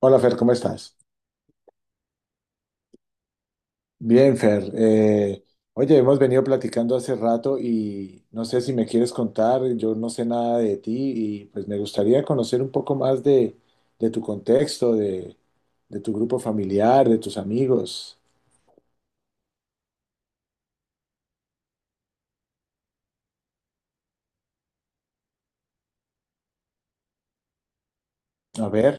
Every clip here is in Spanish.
Hola Fer, ¿cómo estás? Bien, Fer. Oye, hemos venido platicando hace rato y no sé si me quieres contar, yo no sé nada de ti y pues me gustaría conocer un poco más de tu contexto, de tu grupo familiar, de tus amigos. A ver,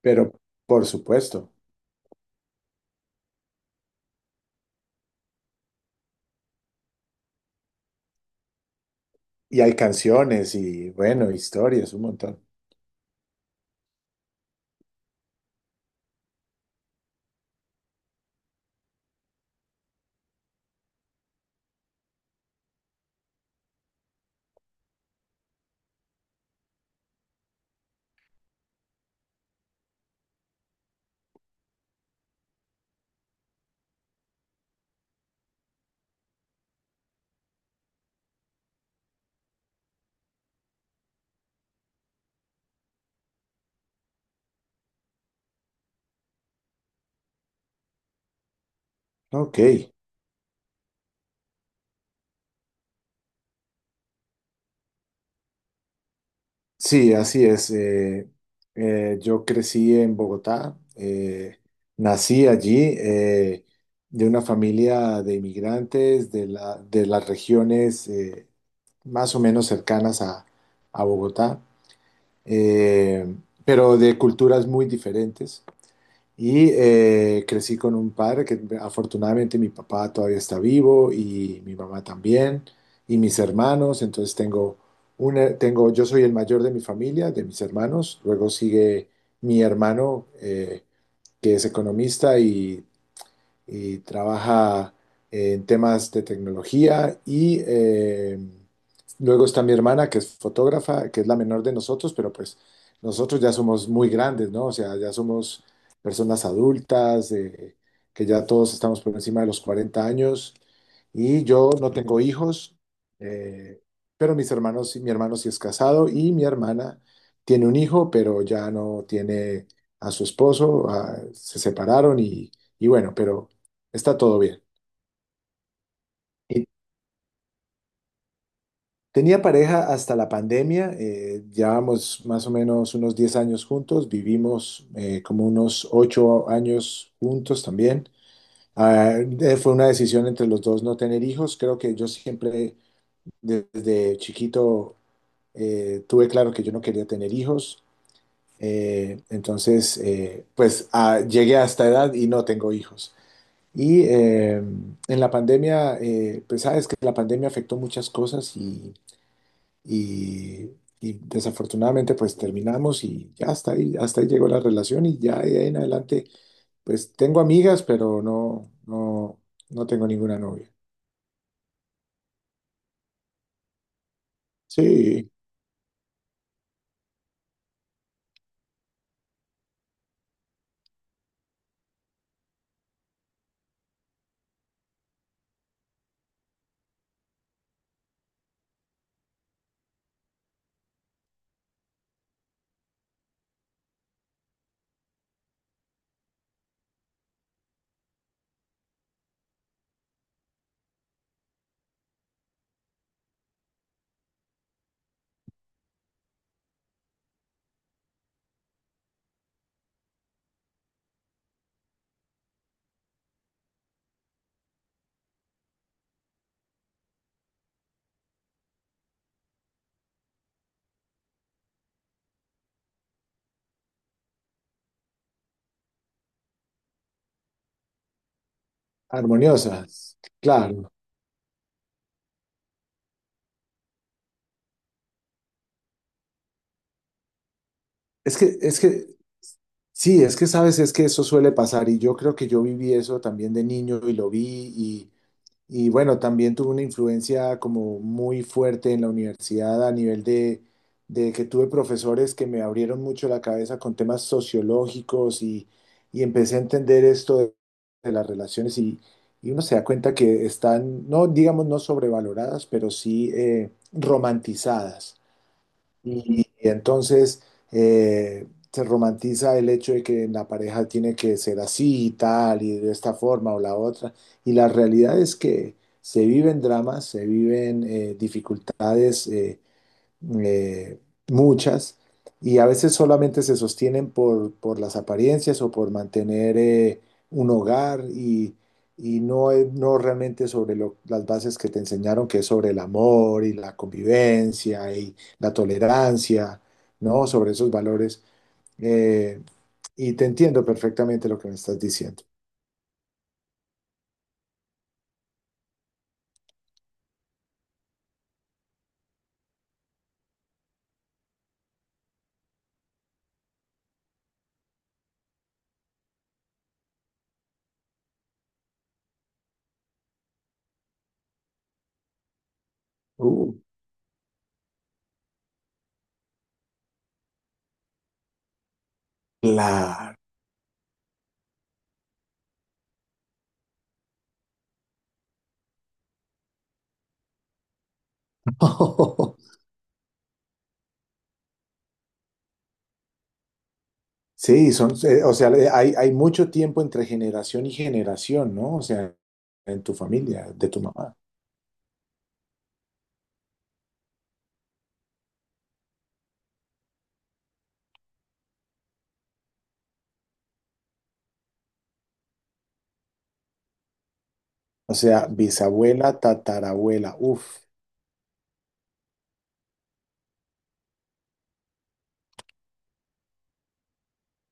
pero por supuesto. Y hay canciones y bueno, historias, un montón. Ok. Sí, así es. Yo crecí en Bogotá, nací allí de una familia de inmigrantes de de las regiones más o menos cercanas a Bogotá, eh, pero de culturas muy diferentes. Y crecí con un padre que afortunadamente mi papá todavía está vivo y mi mamá también y mis hermanos. Entonces tengo una, tengo, yo soy el mayor de mi familia, de mis hermanos. Luego sigue mi hermano que es economista y trabaja en temas de tecnología y luego está mi hermana que es fotógrafa, que es la menor de nosotros, pero pues nosotros ya somos muy grandes, ¿no? O sea, ya somos personas adultas, que ya todos estamos por encima de los 40 años y yo no tengo hijos, eh, pero mis hermanos, sí, mi hermano sí es casado y mi hermana tiene un hijo, pero ya no tiene a su esposo, se separaron y bueno, pero... Está todo bien. Y- Tenía pareja hasta la pandemia, llevábamos más o menos unos 10 años juntos, vivimos como unos 8 años juntos también. Ah, fue una decisión entre los dos no tener hijos. Creo que yo siempre desde chiquito tuve claro que yo no quería tener hijos. Pues ah, llegué a esta edad y no tengo hijos. Y en la pandemia, pues sabes que la pandemia afectó muchas cosas y, y desafortunadamente pues terminamos y ya hasta ahí llegó la relación y ya de ahí en adelante pues tengo amigas, pero no tengo ninguna novia. Sí, armoniosas, claro. Es que, es que, sí, es que sabes, es que eso suele pasar y yo creo que yo viví eso también de niño y lo vi. Y bueno, también tuve una influencia como muy fuerte en la universidad a nivel de que tuve profesores que me abrieron mucho la cabeza con temas sociológicos y empecé a entender esto de las relaciones y uno se da cuenta que están, no digamos no sobrevaloradas, pero sí romantizadas. Y entonces se romantiza el hecho de que la pareja tiene que ser así y tal, y de esta forma o la otra. Y la realidad es que se viven dramas, se viven dificultades. Eh, Muchas, y a veces solamente se sostienen por las apariencias o por mantener un hogar y no, no realmente sobre las bases que te enseñaron, que es sobre el amor y la convivencia y la tolerancia, ¿no? Sobre esos valores. Eh, y te entiendo perfectamente lo que me estás diciendo. Uh, claro. Sí, son, o sea, hay, hay mucho tiempo entre generación y generación, ¿no? O sea, en tu familia, de tu mamá. O sea, bisabuela, tatarabuela, uff,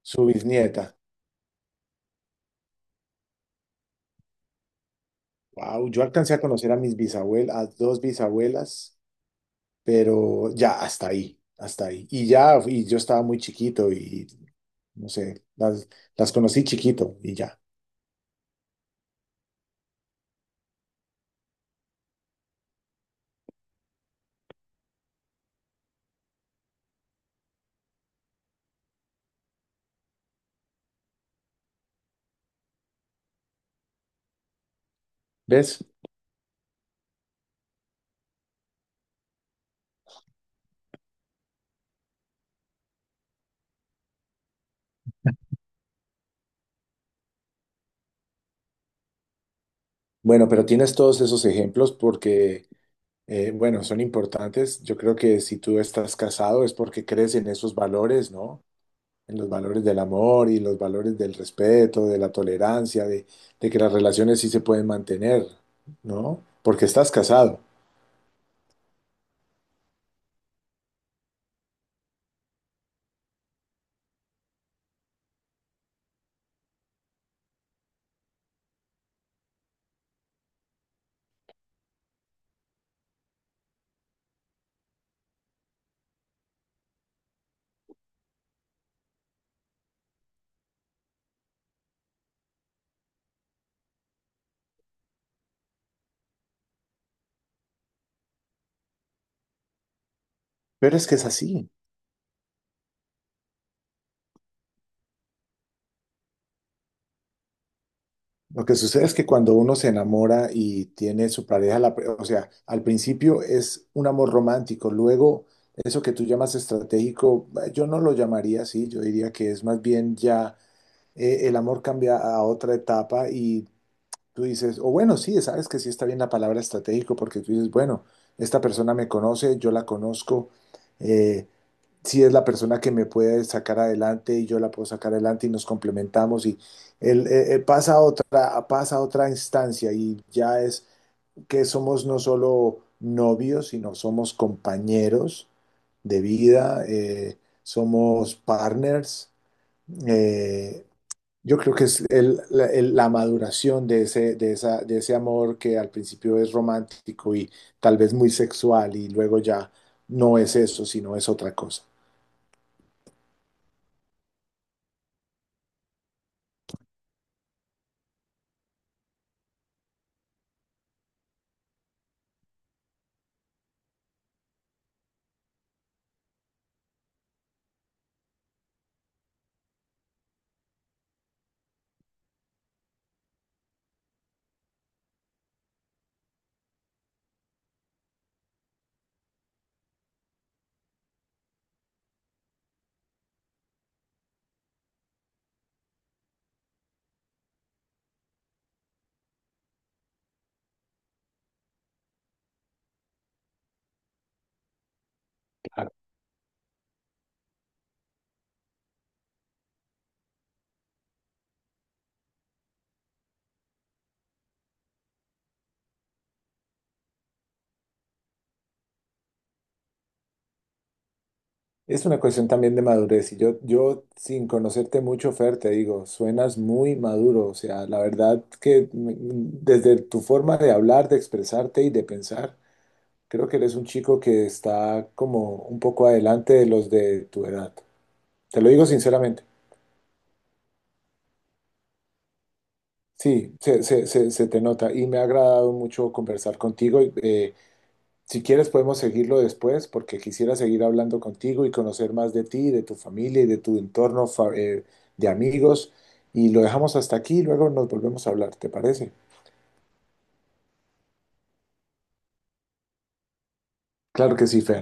su bisnieta. Wow, yo alcancé a conocer a mis bisabuelas, a dos bisabuelas, pero ya hasta ahí, hasta ahí. Y ya, y yo estaba muy chiquito y no sé, las conocí chiquito y ya, ¿ves? Bueno, pero tienes todos esos ejemplos porque, bueno, son importantes. Yo creo que si tú estás casado es porque crees en esos valores, ¿no? En los valores del amor y los valores del respeto, de la tolerancia, de que las relaciones sí se pueden mantener, ¿no? Porque estás casado. Pero es que es así. Lo que sucede es que cuando uno se enamora y tiene su pareja, o sea, al principio es un amor romántico, luego eso que tú llamas estratégico, yo no lo llamaría así, yo diría que es más bien ya el amor cambia a otra etapa y tú dices, o bueno, sí, sabes que sí está bien la palabra estratégico porque tú dices, bueno, esta persona me conoce, yo la conozco, eh, si es la persona que me puede sacar adelante y yo la puedo sacar adelante y nos complementamos y él, pasa a otra instancia y ya es que somos no solo novios, sino somos compañeros de vida, somos partners. eh, yo creo que es la maduración de ese, de esa, de ese amor que al principio es romántico y tal vez muy sexual y luego ya no es eso, sino es otra cosa. Es una cuestión también de madurez y yo sin conocerte mucho, Fer, te digo, suenas muy maduro, o sea, la verdad que desde tu forma de hablar, de expresarte y de pensar, creo que eres un chico que está como un poco adelante de los de tu edad. Te lo digo sinceramente. Sí, se te nota y me ha agradado mucho conversar contigo. Si quieres podemos seguirlo después porque quisiera seguir hablando contigo y conocer más de ti, de tu familia y de tu entorno de amigos. Y lo dejamos hasta aquí y luego nos volvemos a hablar, ¿te parece? Claro que sí, Fer.